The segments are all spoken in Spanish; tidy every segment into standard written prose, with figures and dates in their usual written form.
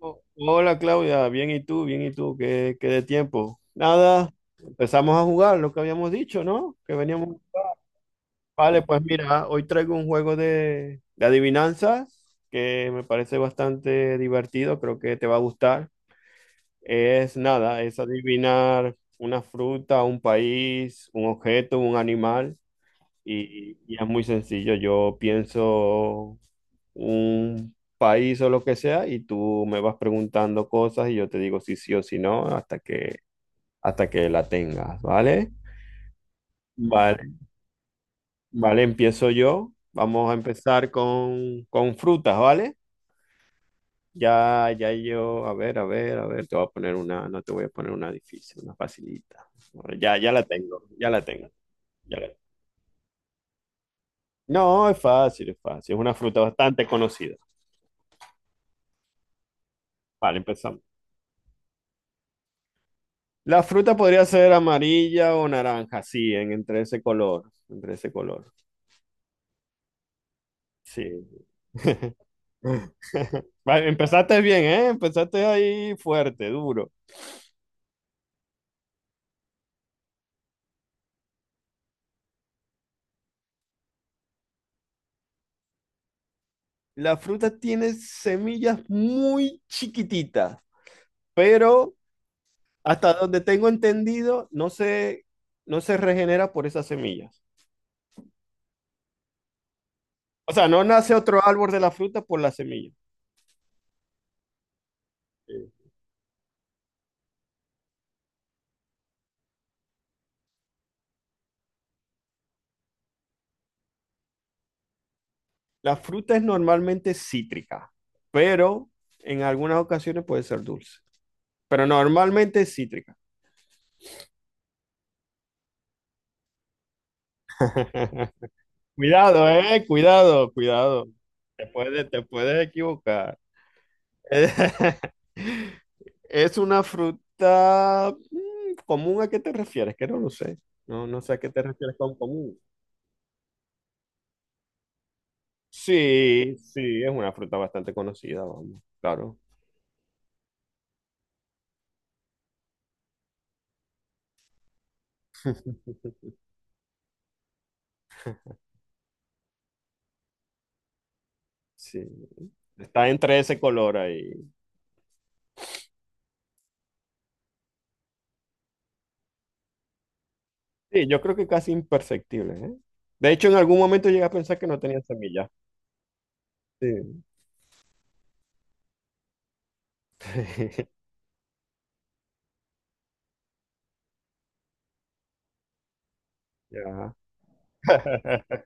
Oh, hola Claudia, bien y tú, ¿qué de tiempo? Nada, empezamos a jugar lo que habíamos dicho, ¿no? Que veníamos. Vale, pues mira, hoy traigo un juego de adivinanzas que me parece bastante divertido, creo que te va a gustar. Es nada, es adivinar una fruta, un país, un objeto, un animal y es muy sencillo. Yo pienso un país o lo que sea y tú me vas preguntando cosas y yo te digo si sí o si no hasta que, la tengas, ¿vale? Vale, vale, empiezo yo. Vamos a empezar con frutas, ¿vale? Ya yo, a ver, a ver, a ver, te voy a poner una, no te voy a poner una difícil, una facilita. Bueno, ya, ya la tengo, ya la tengo. ya la- No, es fácil, es fácil. Es una fruta bastante conocida. Vale, empezamos. La fruta podría ser amarilla o naranja, sí, entre ese color, sí. Vale, empezaste bien, ¿eh? Empezaste ahí fuerte, duro. La fruta tiene semillas muy chiquititas, pero hasta donde tengo entendido, no se regenera por esas semillas. O sea, no nace otro árbol de la fruta por las semillas. Sí. La fruta es normalmente cítrica, pero en algunas ocasiones puede ser dulce, pero normalmente es cítrica. Cuidado, cuidado, cuidado. Te puedes equivocar. Es una fruta común, ¿a qué te refieres? Que no lo sé. No, no sé a qué te refieres con común. Sí, sí, es una fruta bastante conocida, vamos, claro. Sí, está entre ese color ahí. Sí, yo creo que casi imperceptible, ¿eh? De hecho, en algún momento llegué a pensar que no tenía semillas. Sí. Ya.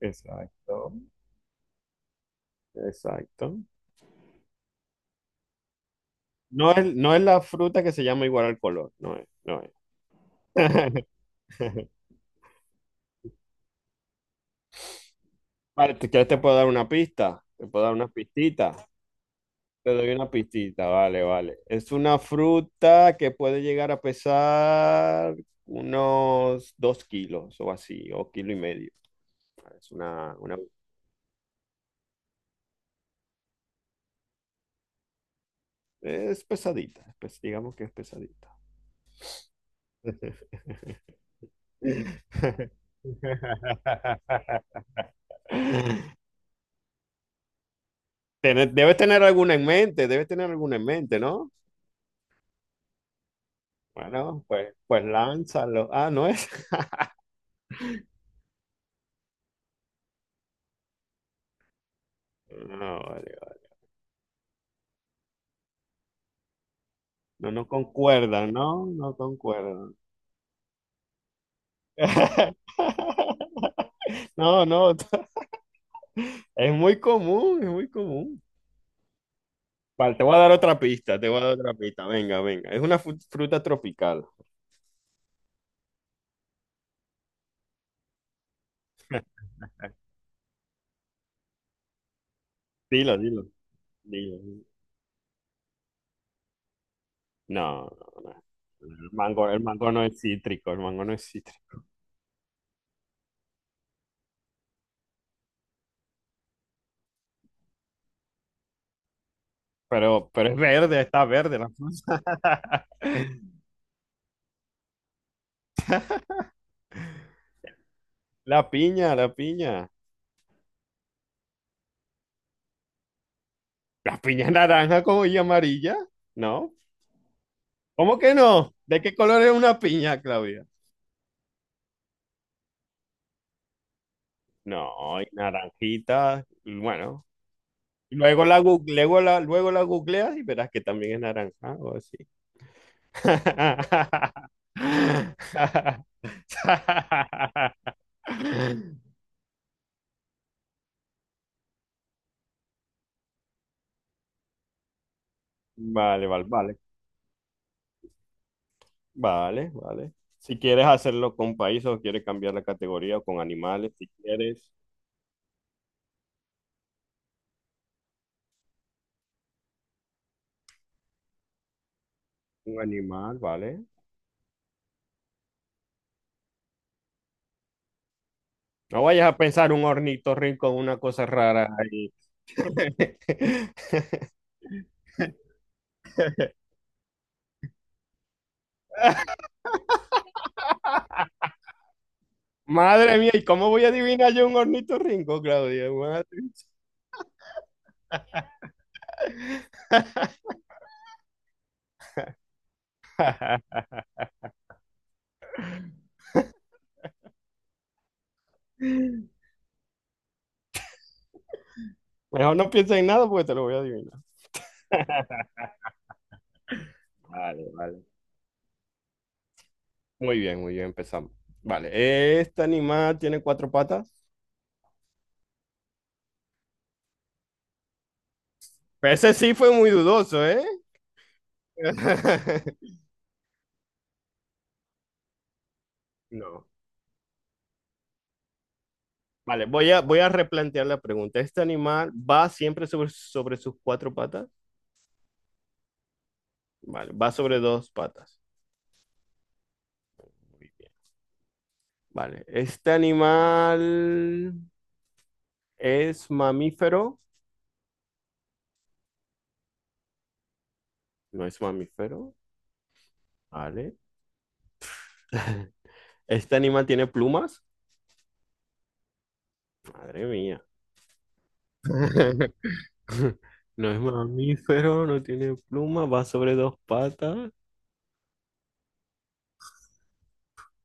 Exacto, exacto. No es, no es la fruta que se llama igual al color, no es, no es. Vale, ¿ te puedo dar una pista? Te puedo dar una pistita. Te doy una pistita, vale, vale. Es una fruta que puede llegar a pesar unos 2 kilos o así, o kilo y medio. Es una, una- es pesadita, digamos que es pesadita. Debes tener alguna en mente, debes tener alguna en mente, ¿no? Bueno, pues lánzalo. Ah, no es. No, vale, vale. No, no concuerdan, ¿no? No concuerdan. No, no. Es muy común, es muy común. Vale, te voy a dar otra pista, te voy a dar otra pista. Venga, venga. Es una fruta tropical. Dilo, dilo. Dilo. No, no, no. El mango no es cítrico, el mango no es cítrico. Pero es verde, está verde la fruta. La piña, la piña. ¿La piña es naranja como y amarilla? ¿No? ¿Cómo que no? ¿De qué color es una piña, Claudia? No, y naranjita, y bueno. Luego la, gu- luego la googleas y verás que también es naranja o así. Vale, vale, vale. Vale, vale. Si quieres hacerlo con países o quieres cambiar la categoría o con animales, si quieres un animal, ¿vale? No vayas a pensar un ornitorrinco, una cosa rara ahí. Madre mía, ¿y cómo voy a adivinar yo un ornitorrinco, Claudia? Madre mía. Mejor no pienses en nada porque te lo voy a adivinar. Vale, vale. Muy bien, empezamos. Vale, ¿este animal tiene cuatro patas? Ese sí fue muy dudoso, ¿eh? No. Vale, voy a replantear la pregunta. ¿Este animal va siempre sobre sus cuatro patas? Vale, va sobre dos patas. Muy bien. Vale, ¿este animal es mamífero? No es mamífero. Vale. ¿Este animal tiene plumas? Madre mía. No es mamífero, no tiene pluma, va sobre dos patas.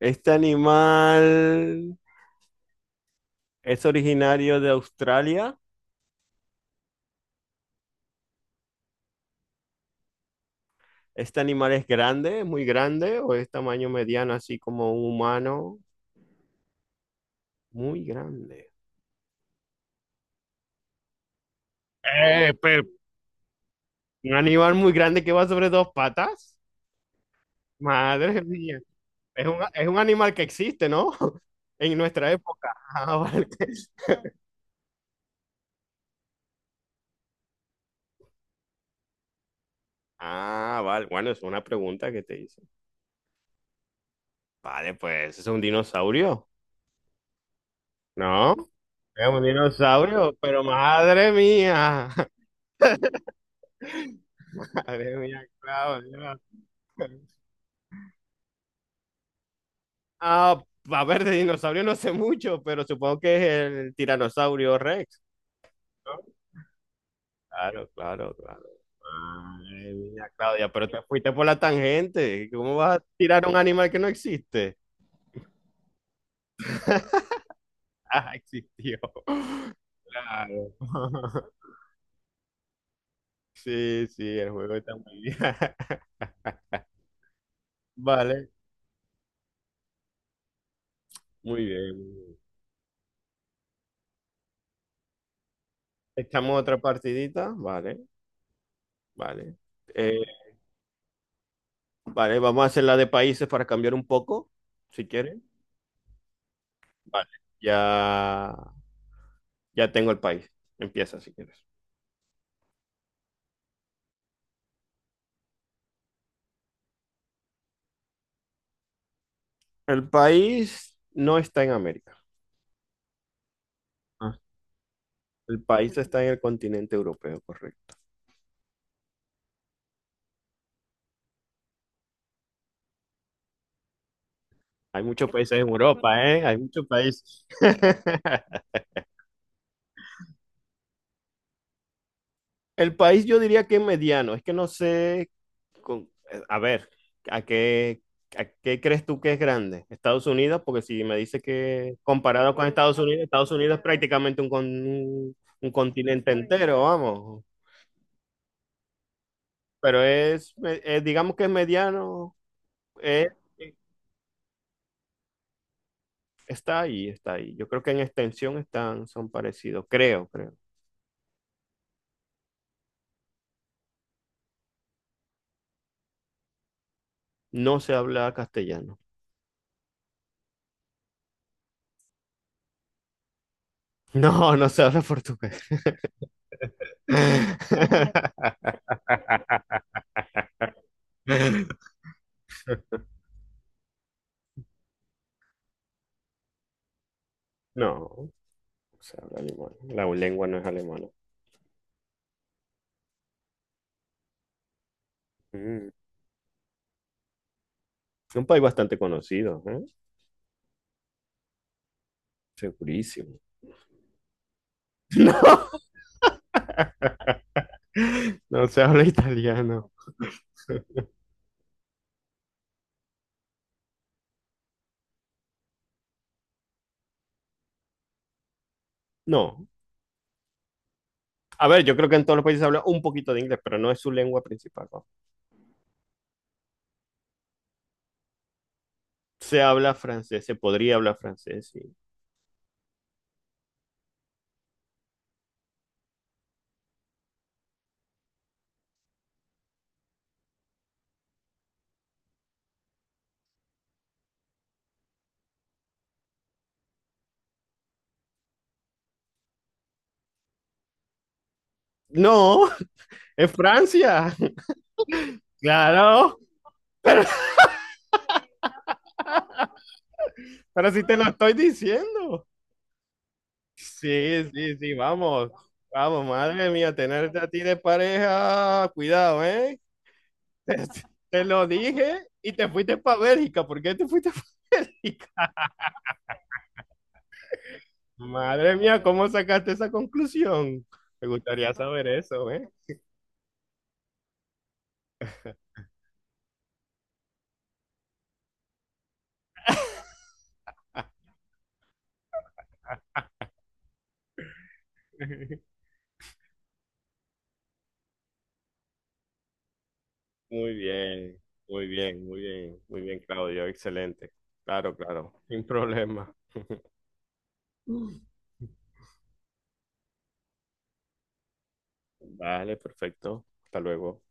Este animal es originario de Australia. Este animal es grande, muy grande, o es tamaño mediano, así como un humano, muy grande. Eh, pero, Un animal muy grande que va sobre dos patas. Madre mía. Es un animal que existe, ¿no? En nuestra época. Ah, vale. Ah, vale. Bueno, es una pregunta que te hice. Vale, pues es un dinosaurio. No, es un dinosaurio, pero madre mía, madre mía, Claudia. Ah, a ver, de dinosaurio no sé mucho, pero supongo que es el tiranosaurio Rex, ¿no? Claro, claro, claro. Madre mía, Claudia, pero te fuiste por la tangente. ¿Cómo vas a tirar a un animal que no existe? Ah, existió. Claro. Sí, sí, el juego está muy bien. Vale, muy bien, muy bien. Echamos otra partidita, vale, vale. Eh, vale, vamos a hacer la de países para cambiar un poco, si quieren. Vale, ya, ya tengo el país. Empieza si quieres. El país no está en América. Ah, el país está en el continente europeo, correcto. Hay muchos países en Europa, ¿eh? Hay muchos países. El país yo diría que es mediano. Es que no sé a ver, ¿a qué, a qué crees tú que es grande? Estados Unidos, porque si me dices que comparado con Estados Unidos, Estados Unidos es prácticamente un continente entero, vamos. Pero digamos que es mediano, es- está ahí, está ahí. Yo creo que en extensión están, son parecidos, creo, creo. No se habla castellano. No, no se habla portugués. No, no se habla alemán. La lengua no es alemana. Mm. Un país bastante conocido, ¿eh? Segurísimo. No, no se habla italiano. No. A ver, yo creo que en todos los países se habla un poquito de inglés, pero no es su lengua principal, ¿no? Se habla francés, se podría hablar francés, sí. No, es Francia. Claro, pero sí te lo estoy diciendo. Sí, sí, sí, vamos. Vamos, madre mía, tenerte a ti de pareja, cuidado, ¿eh? Te, te lo dije y te fuiste para Bélgica. ¿Por qué te fuiste para Bélgica? Madre mía, ¿cómo sacaste esa conclusión? Me gustaría saber eso, ¿eh? Muy bien, muy bien, muy bien, muy bien, Claudio, excelente. Claro, claro, sin problema. Mm. Vale, perfecto. Hasta luego.